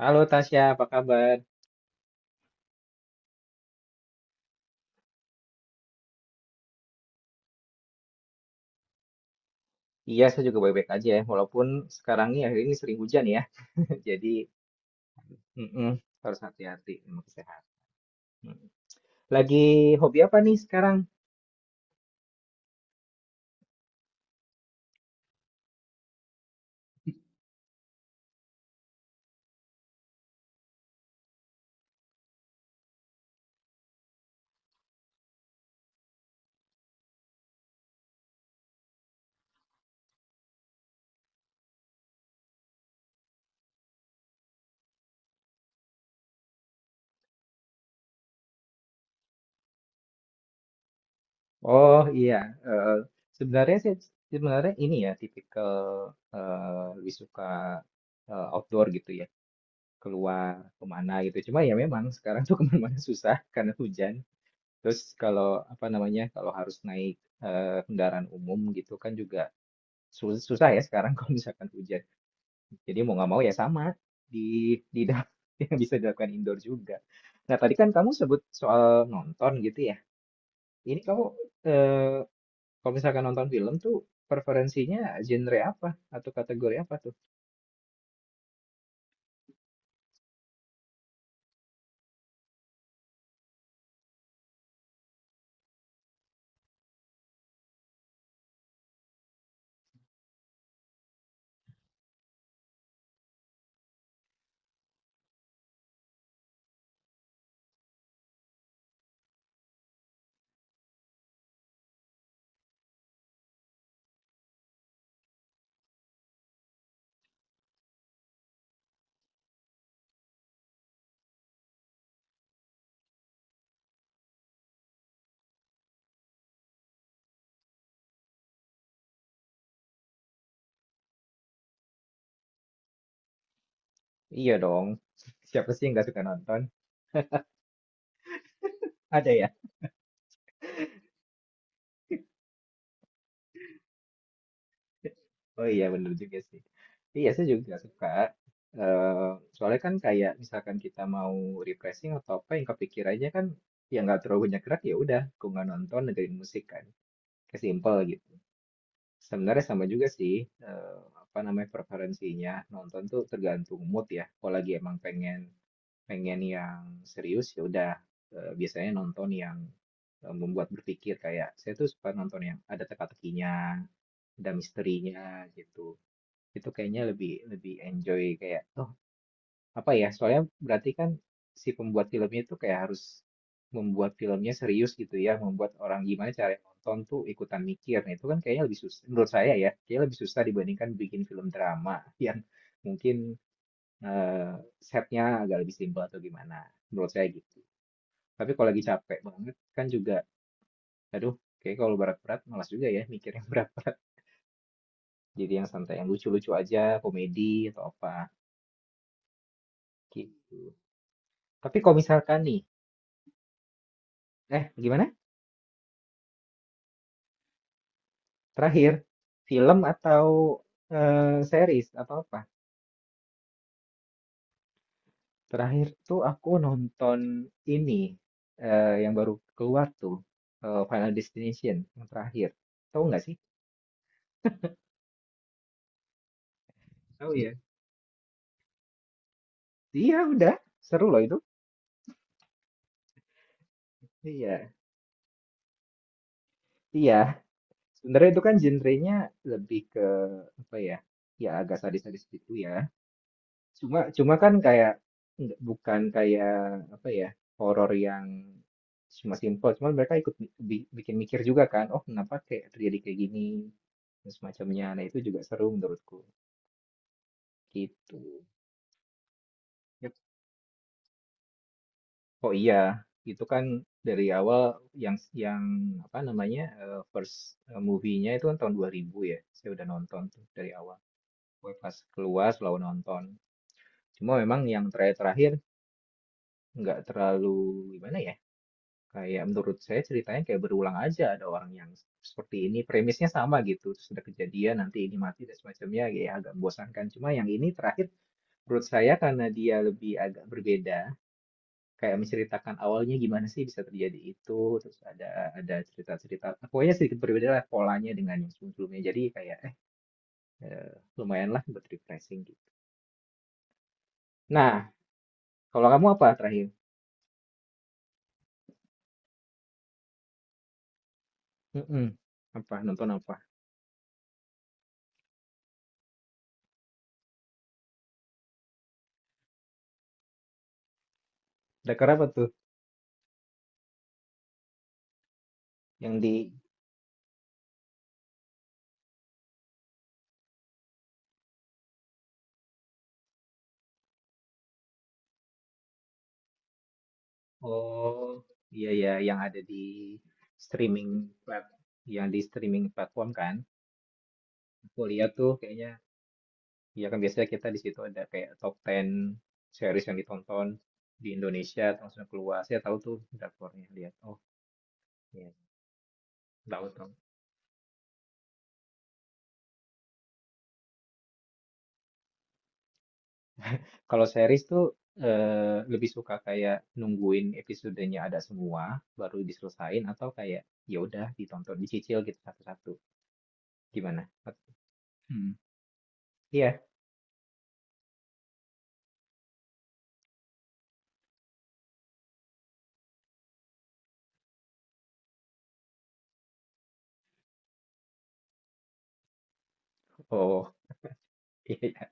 Halo Tasya, apa kabar? Iya, saya juga baik-baik aja ya. Walaupun sekarang ini akhir ini sering hujan ya. Jadi, mm-mm, harus hati-hati sama kesehatan. Mm. Lagi hobi apa nih sekarang? Oh iya, sebenarnya saya ini ya tipikal lebih suka outdoor gitu ya. Keluar kemana gitu. Cuma ya memang sekarang tuh kemana-mana susah karena hujan. Terus kalau apa namanya, kalau harus naik kendaraan umum gitu kan juga susah ya sekarang kalau misalkan hujan. Jadi mau nggak mau ya sama, di da yang bisa dilakukan indoor juga. Nah, tadi kan kamu sebut soal nonton gitu ya. Ini kamu, eee, kalau misalkan nonton film tuh preferensinya genre apa? Atau kategori apa tuh? Iya dong, siapa sih yang nggak suka nonton? Ada ya? Oh iya bener juga sih. Iya saya juga suka. Soalnya kan kayak misalkan kita mau refreshing atau apa yang kepikirannya kan ya nggak terlalu banyak gerak ya udah aku nggak nonton dengerin musik kan. Kayak simple gitu. Sebenarnya sama juga sih apa namanya preferensinya nonton tuh tergantung mood ya. Kalau lagi emang pengen pengen yang serius ya udah biasanya nonton yang membuat berpikir kayak saya tuh suka nonton yang ada teka-tekinya, ada misterinya gitu. Itu kayaknya lebih lebih enjoy kayak oh apa ya soalnya berarti kan si pembuat filmnya itu kayak harus membuat filmnya serius gitu ya, membuat orang gimana cara nonton tuh ikutan mikir. Nah, itu kan kayaknya lebih susah menurut saya ya, kayaknya lebih susah dibandingkan bikin film drama yang mungkin eh, setnya agak lebih simpel atau gimana. Menurut saya gitu. Tapi kalau lagi capek banget kan juga aduh, kayak kalau berat-berat malas juga ya mikir yang berat-berat. Jadi yang santai, yang lucu-lucu aja, komedi atau apa gitu. Tapi kalau misalkan nih, eh gimana? Terakhir, film atau series atau apa? Terakhir tuh aku nonton ini yang baru keluar tuh Final Destination yang terakhir. Tahu nggak sih? Tahu ya. Iya udah, seru loh itu. Iya, iya. Sebenarnya itu kan genrenya lebih ke apa ya? Ya agak sadis-sadis gitu ya. Cuma cuma kan kayak nggak bukan kayak apa ya, horor yang cuma simpel, cuman mereka ikut bikin mikir juga kan, oh kenapa kayak terjadi kayak gini dan semacamnya. Nah, itu juga seru menurutku. Gitu. Yep. Oh iya, itu kan dari awal yang yang apa namanya? First movie-nya itu kan tahun 2000 ya. Saya udah nonton tuh dari awal. Gue pas keluar selalu nonton. Cuma memang yang terakhir-terakhir nggak terlalu gimana ya? Kayak menurut saya ceritanya kayak berulang aja, ada orang yang seperti ini, premisnya sama gitu, terus ada kejadian, nanti ini mati dan semacamnya, ya agak membosankan. Cuma yang ini terakhir menurut saya karena dia lebih agak berbeda, kayak menceritakan awalnya gimana sih bisa terjadi itu, terus ada cerita-cerita, pokoknya sedikit berbeda lah polanya dengan yang sebelumnya. Jadi kayak eh, lumayan lah buat refreshing gitu. Nah, kalau kamu apa terakhir? Mm-mm. Apa nonton apa? Dakar apa tuh yang di. Oh, iya ya, yang ada di streaming plat, yang di streaming platform kan? Aku lihat tuh kayaknya, ya kan biasanya kita di situ ada kayak top 10 series yang ditonton di Indonesia terus langsung keluar. Saya tahu tuh drakornya, lihat. Oh, iya, tahu tahu. Kalau series tuh lebih suka kayak nungguin episodenya ada semua baru diselesain atau kayak ya udah ditonton dicicil gitu satu-satu. Gimana? Hmm. Iya. Oh. Iya.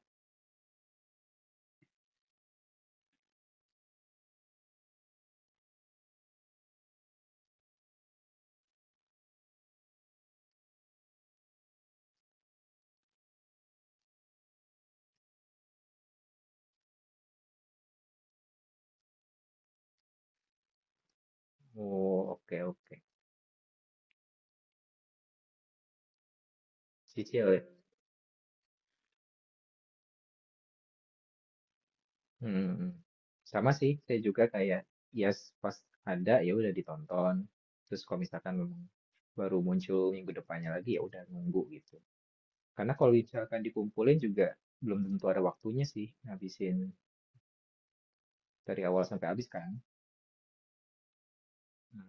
Oh, oke, oke. Cicil ya. Hmm. Hmm. Hmm. Sama sih, saya juga kayak ya pas ada ya udah ditonton. Terus kalau misalkan memang baru muncul minggu depannya lagi ya udah nunggu gitu. Karena kalau misalkan dikumpulin juga belum tentu ada waktunya sih ngabisin dari awal sampai habis kan. Hmm.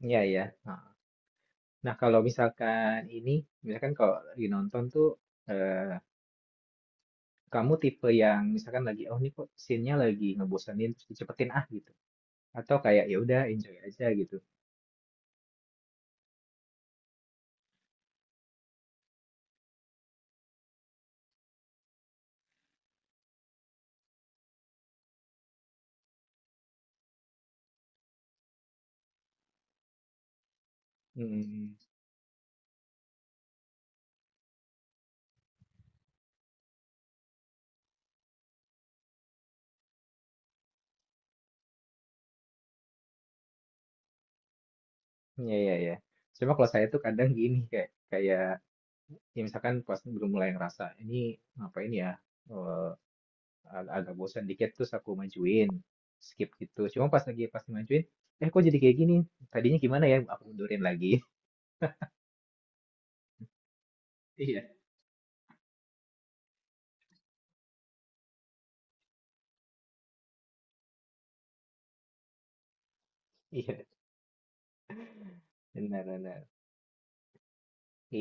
Iya ya. Nah, kalau misalkan ini, misalkan kalau lagi nonton tuh eh kamu tipe yang misalkan lagi oh ini kok scene-nya lagi ngebosenin terus dicepetin ah gitu. Atau kayak ya udah enjoy aja gitu. Mhm. Iya, iya, iya. Cuma kalau saya tuh kadang gini kayak kayak ya misalkan pas belum mulai ngerasa ini ngapain ya eh, agak bosan dikit terus aku majuin skip gitu. Cuma pas majuin kok jadi kayak gini? Tadinya gimana ya? Aku mundurin lagi. Iya. Iya, benar benar.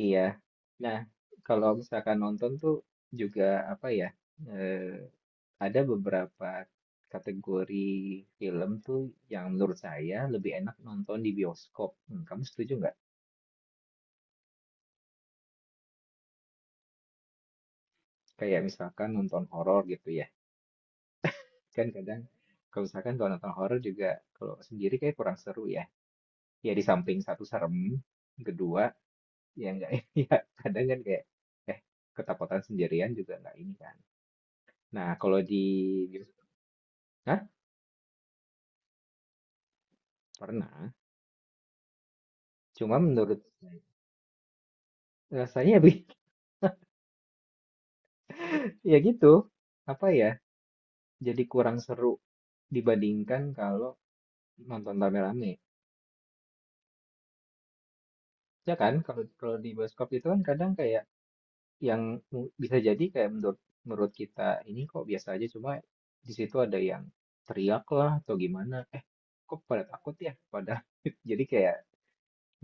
Iya. Nah, kalau misalkan nonton tuh juga apa ya? eh, ada beberapa kategori film tuh yang menurut saya lebih enak nonton di bioskop. Hmm, kamu setuju nggak? Kayak misalkan nonton horor gitu ya. Kan kadang kalau misalkan kalau nonton horor juga kalau sendiri kayak kurang seru ya. Ya di samping satu serem, kedua ya nggak ya kadang kan kayak eh ketakutan sendirian juga nggak ini kan. Nah, kalau di bios-. Hah? Pernah. Cuma rasanya ya gitu, apa ya, jadi kurang seru dibandingkan kalau nonton rame-rame. Ya kan, kalau kalau di bioskop itu kan kadang kayak yang bisa jadi kayak menurut menurut kita ini kok biasa aja, cuma di situ ada yang teriak lah atau gimana. Eh, kok pada takut ya? Pada jadi kayak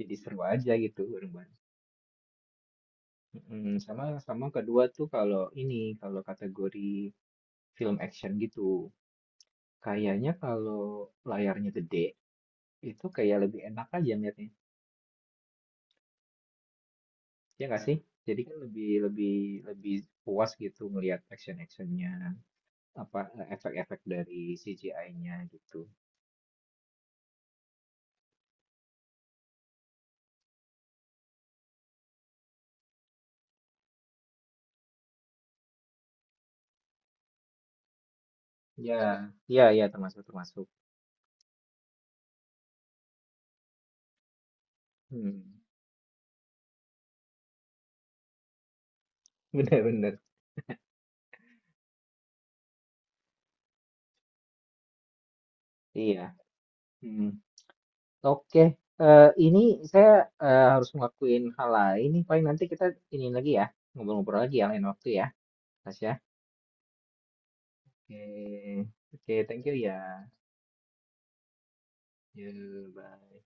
jadi seru aja gitu bareng-bareng. Sama sama kedua tuh kalau ini kalau kategori film action gitu. Kayaknya kalau layarnya gede itu kayak lebih enak aja ngeliatnya. Ya nggak sih? Jadi kan lebih lebih lebih puas gitu ngelihat action-actionnya, apa efek-efek dari CGI-nya gitu. Ya, ya, ya termasuk termasuk. Hmm. Bener-bener. Iya. Hmm. Oke. Ini saya harus ngelakuin hal lain nih. Paling nanti kita ini lagi ya, ngobrol-ngobrol lagi ya lain waktu ya, Tasya. Oke. Oke, thank you ya. Ya, bye.